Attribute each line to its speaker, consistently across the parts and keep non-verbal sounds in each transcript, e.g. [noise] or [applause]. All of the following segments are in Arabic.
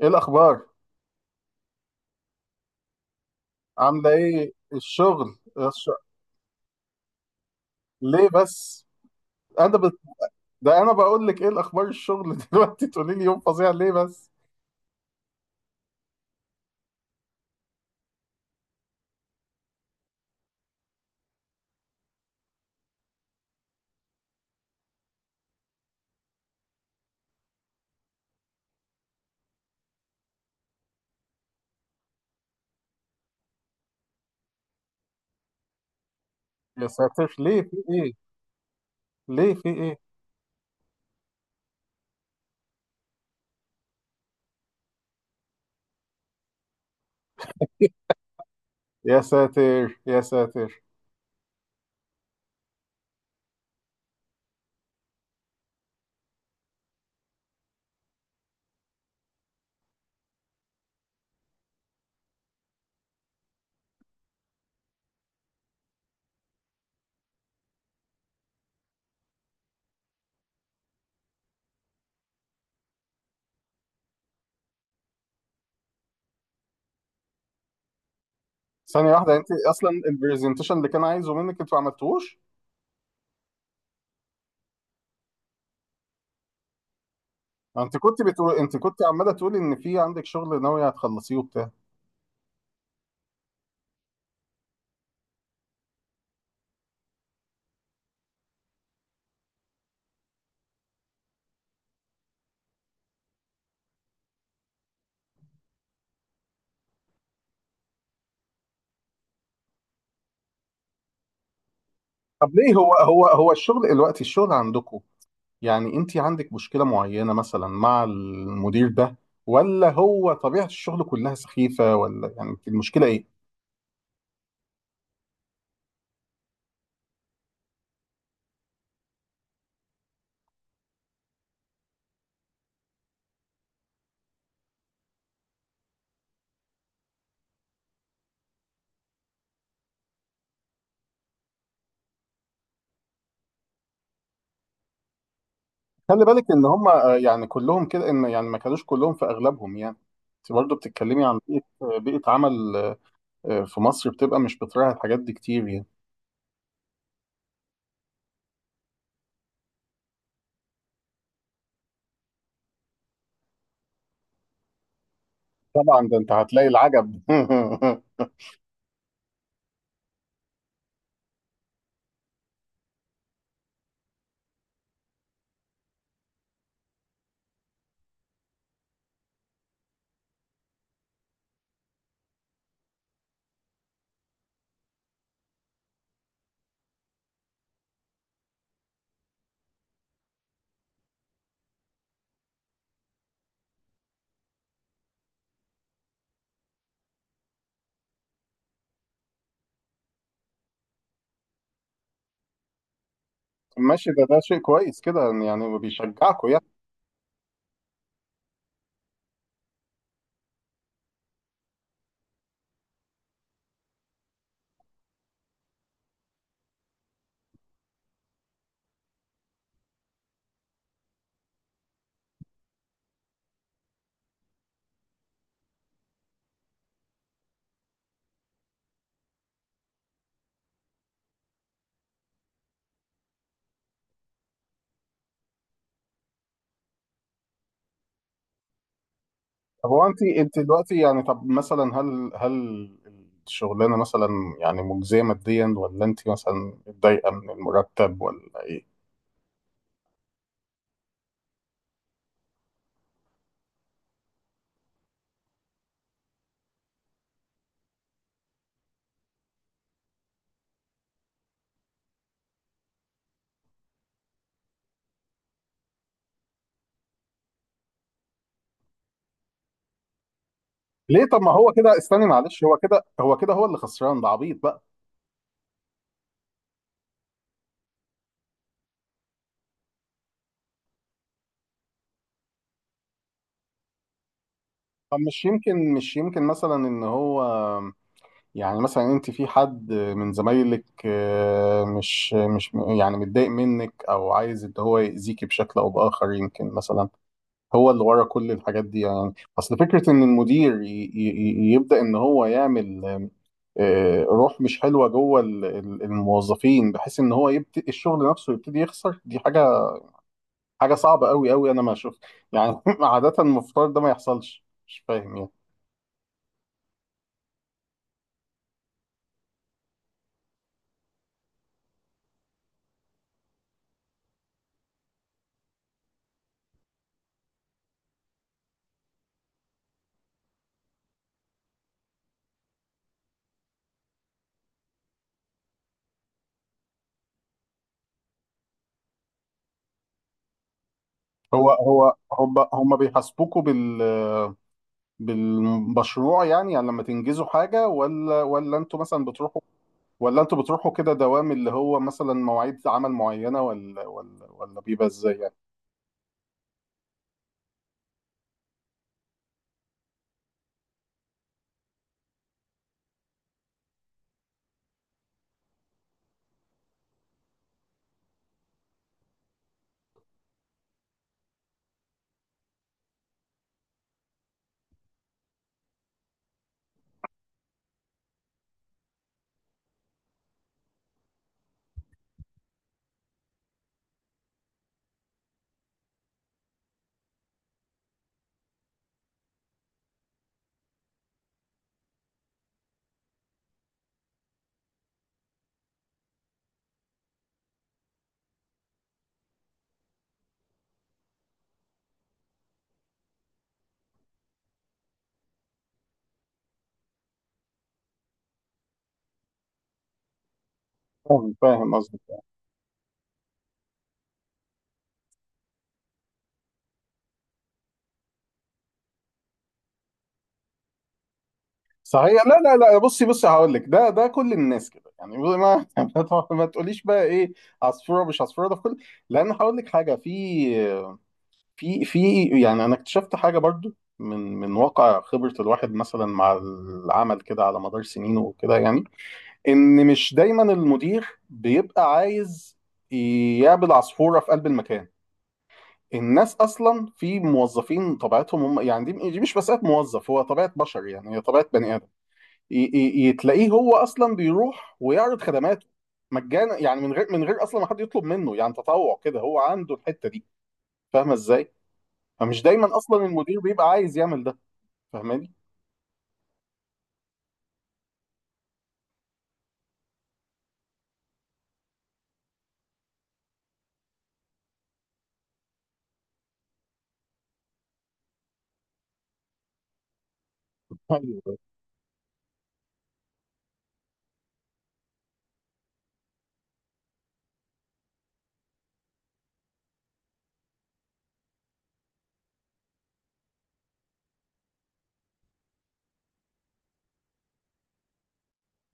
Speaker 1: ايه الاخبار؟ عامله ايه الشغل ليه بس؟ انا بت... ده انا بقول لك ايه الاخبار الشغل [laughs] دلوقتي تقولي لي يوم فظيع، ليه بس؟ يا ساتر، ليه، في ايه؟ ليه، في ايه؟ يا ساتر يا ساتر. ثانيه واحده، انت اصلا البرزنتيشن اللي كان عايزه منك انتوا ما عملتوهوش؟ انت كنت عماله تقولي ان في عندك شغل ناويه هتخلصيه وبتاع. طب ليه؟ هو الشغل دلوقتي، الشغل عندكم، يعني انت عندك مشكلة معينة مثلا مع المدير ده، ولا هو طبيعة الشغل كلها سخيفة، ولا يعني انت المشكلة ايه؟ خلي بالك ان هم يعني كلهم كده، ان يعني ما كانوش كلهم، في اغلبهم يعني. انت برضه بتتكلمي عن بيئة، بيئة عمل في مصر بتبقى مش بتراعي الحاجات دي كتير يعني. طبعا ده انت هتلاقي العجب. [laughs] ماشي، ده ده شيء كويس كده، يعني بيشجعكم. طب هو انت انت دلوقتي يعني، طب مثلا، هل الشغلانه مثلا يعني مجزيه ماديا، ولا انت مثلا متضايقه من المرتب، ولا ايه؟ ليه؟ طب ما هو كده، استني معلش، هو كده هو اللي خسران، ده عبيط بقى. طب مش يمكن مثلا ان هو يعني مثلا، انت في حد من زمايلك، مش يعني متضايق منك او عايز ان هو يأذيكي بشكل او باخر، يمكن مثلا هو اللي ورا كل الحاجات دي، يعني اصل فكره ان المدير يبدا ان هو يعمل روح مش حلوه جوه الموظفين، بحيث ان هو يبتدي الشغل نفسه يبتدي يخسر. دي حاجه، حاجه صعبه قوي انا ما اشوف يعني. [laughs] عاده المفترض ده ما يحصلش، مش فاهم يعني. هو هم بيحاسبوكوا بالمشروع يعني، يعني لما تنجزوا حاجه؟ ولا انتوا مثلا بتروحوا، ولا انتوا بتروحوا كده دوام اللي هو مثلا مواعيد عمل معينه، ولا بيبقى ازاي يعني؟ فاهم، فاهم قصدك. صحيح، لا لا لا، بصي بصي، هقول لك، ده كل الناس كده يعني. ما [laughs] ما تقوليش بقى ايه، عصفوره مش عصفوره، ده في كل، لان هقول لك حاجه، في في يعني انا اكتشفت حاجه برضو، من واقع خبره الواحد مثلا مع العمل كده على مدار سنينه وكده يعني، ان مش دايما المدير بيبقى عايز يقابل عصفوره في قلب المكان. الناس اصلا، في موظفين طبيعتهم هم يعني، دي مش مساله موظف، هو طبيعه بشر يعني، هي طبيعه بني ادم. يتلاقيه هو اصلا بيروح ويعرض خدماته مجانا، يعني من غير، اصلا ما حد يطلب منه، يعني تطوع كده، هو عنده الحته دي. فاهمه ازاي؟ فمش دايما اصلا المدير بيبقى عايز يعمل ده. فاهماني؟ ايوه،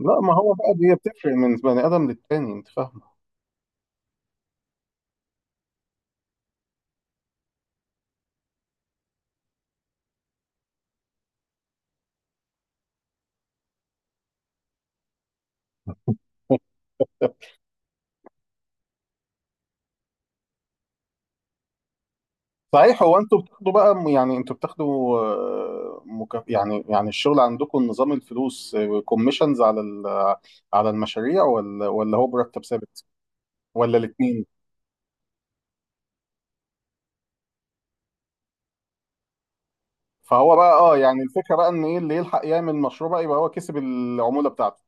Speaker 1: لا ما هو بقى دي بتفرق من بني ادم للتاني، انت فاهمه. [laughs] صحيح، هو انتوا بتاخدوا بقى يعني انتوا بتاخدوا يعني يعني الشغل عندكم نظام الفلوس كوميشنز على على المشاريع، ولا هو مرتب ثابت، ولا الاثنين؟ فهو بقى، اه يعني الفكره بقى ان ايه اللي يلحق يعمل مشروع بقى يبقى هو كسب العموله بتاعته.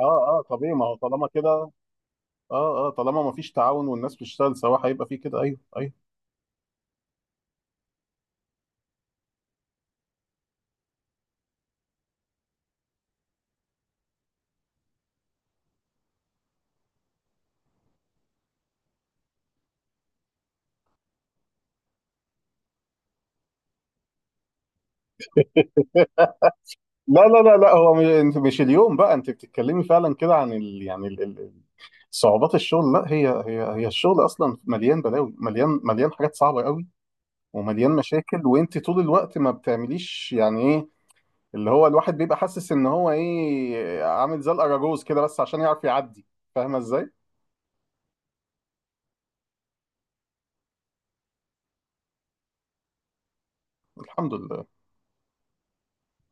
Speaker 1: اه. اه طبيعي، ما هو طالما كده. اه، اه طالما ما فيش تعاون والناس بتشتغل سوا هيبقى في كده. ايوه ايوه. [laughs] لا لا لا لا، انت مش اليوم بقى، انت بتتكلمي فعلا كده عن يعني صعوبات الشغل. لا، هي الشغل اصلا مليان بلاوي، مليان حاجات صعبه قوي ومليان مشاكل، وانت طول الوقت ما بتعمليش يعني ايه، اللي هو الواحد بيبقى حاسس ان هو ايه، عامل زي الاراجوز كده بس عشان يعرف يعدي. فاهمه ازاي؟ الحمد لله.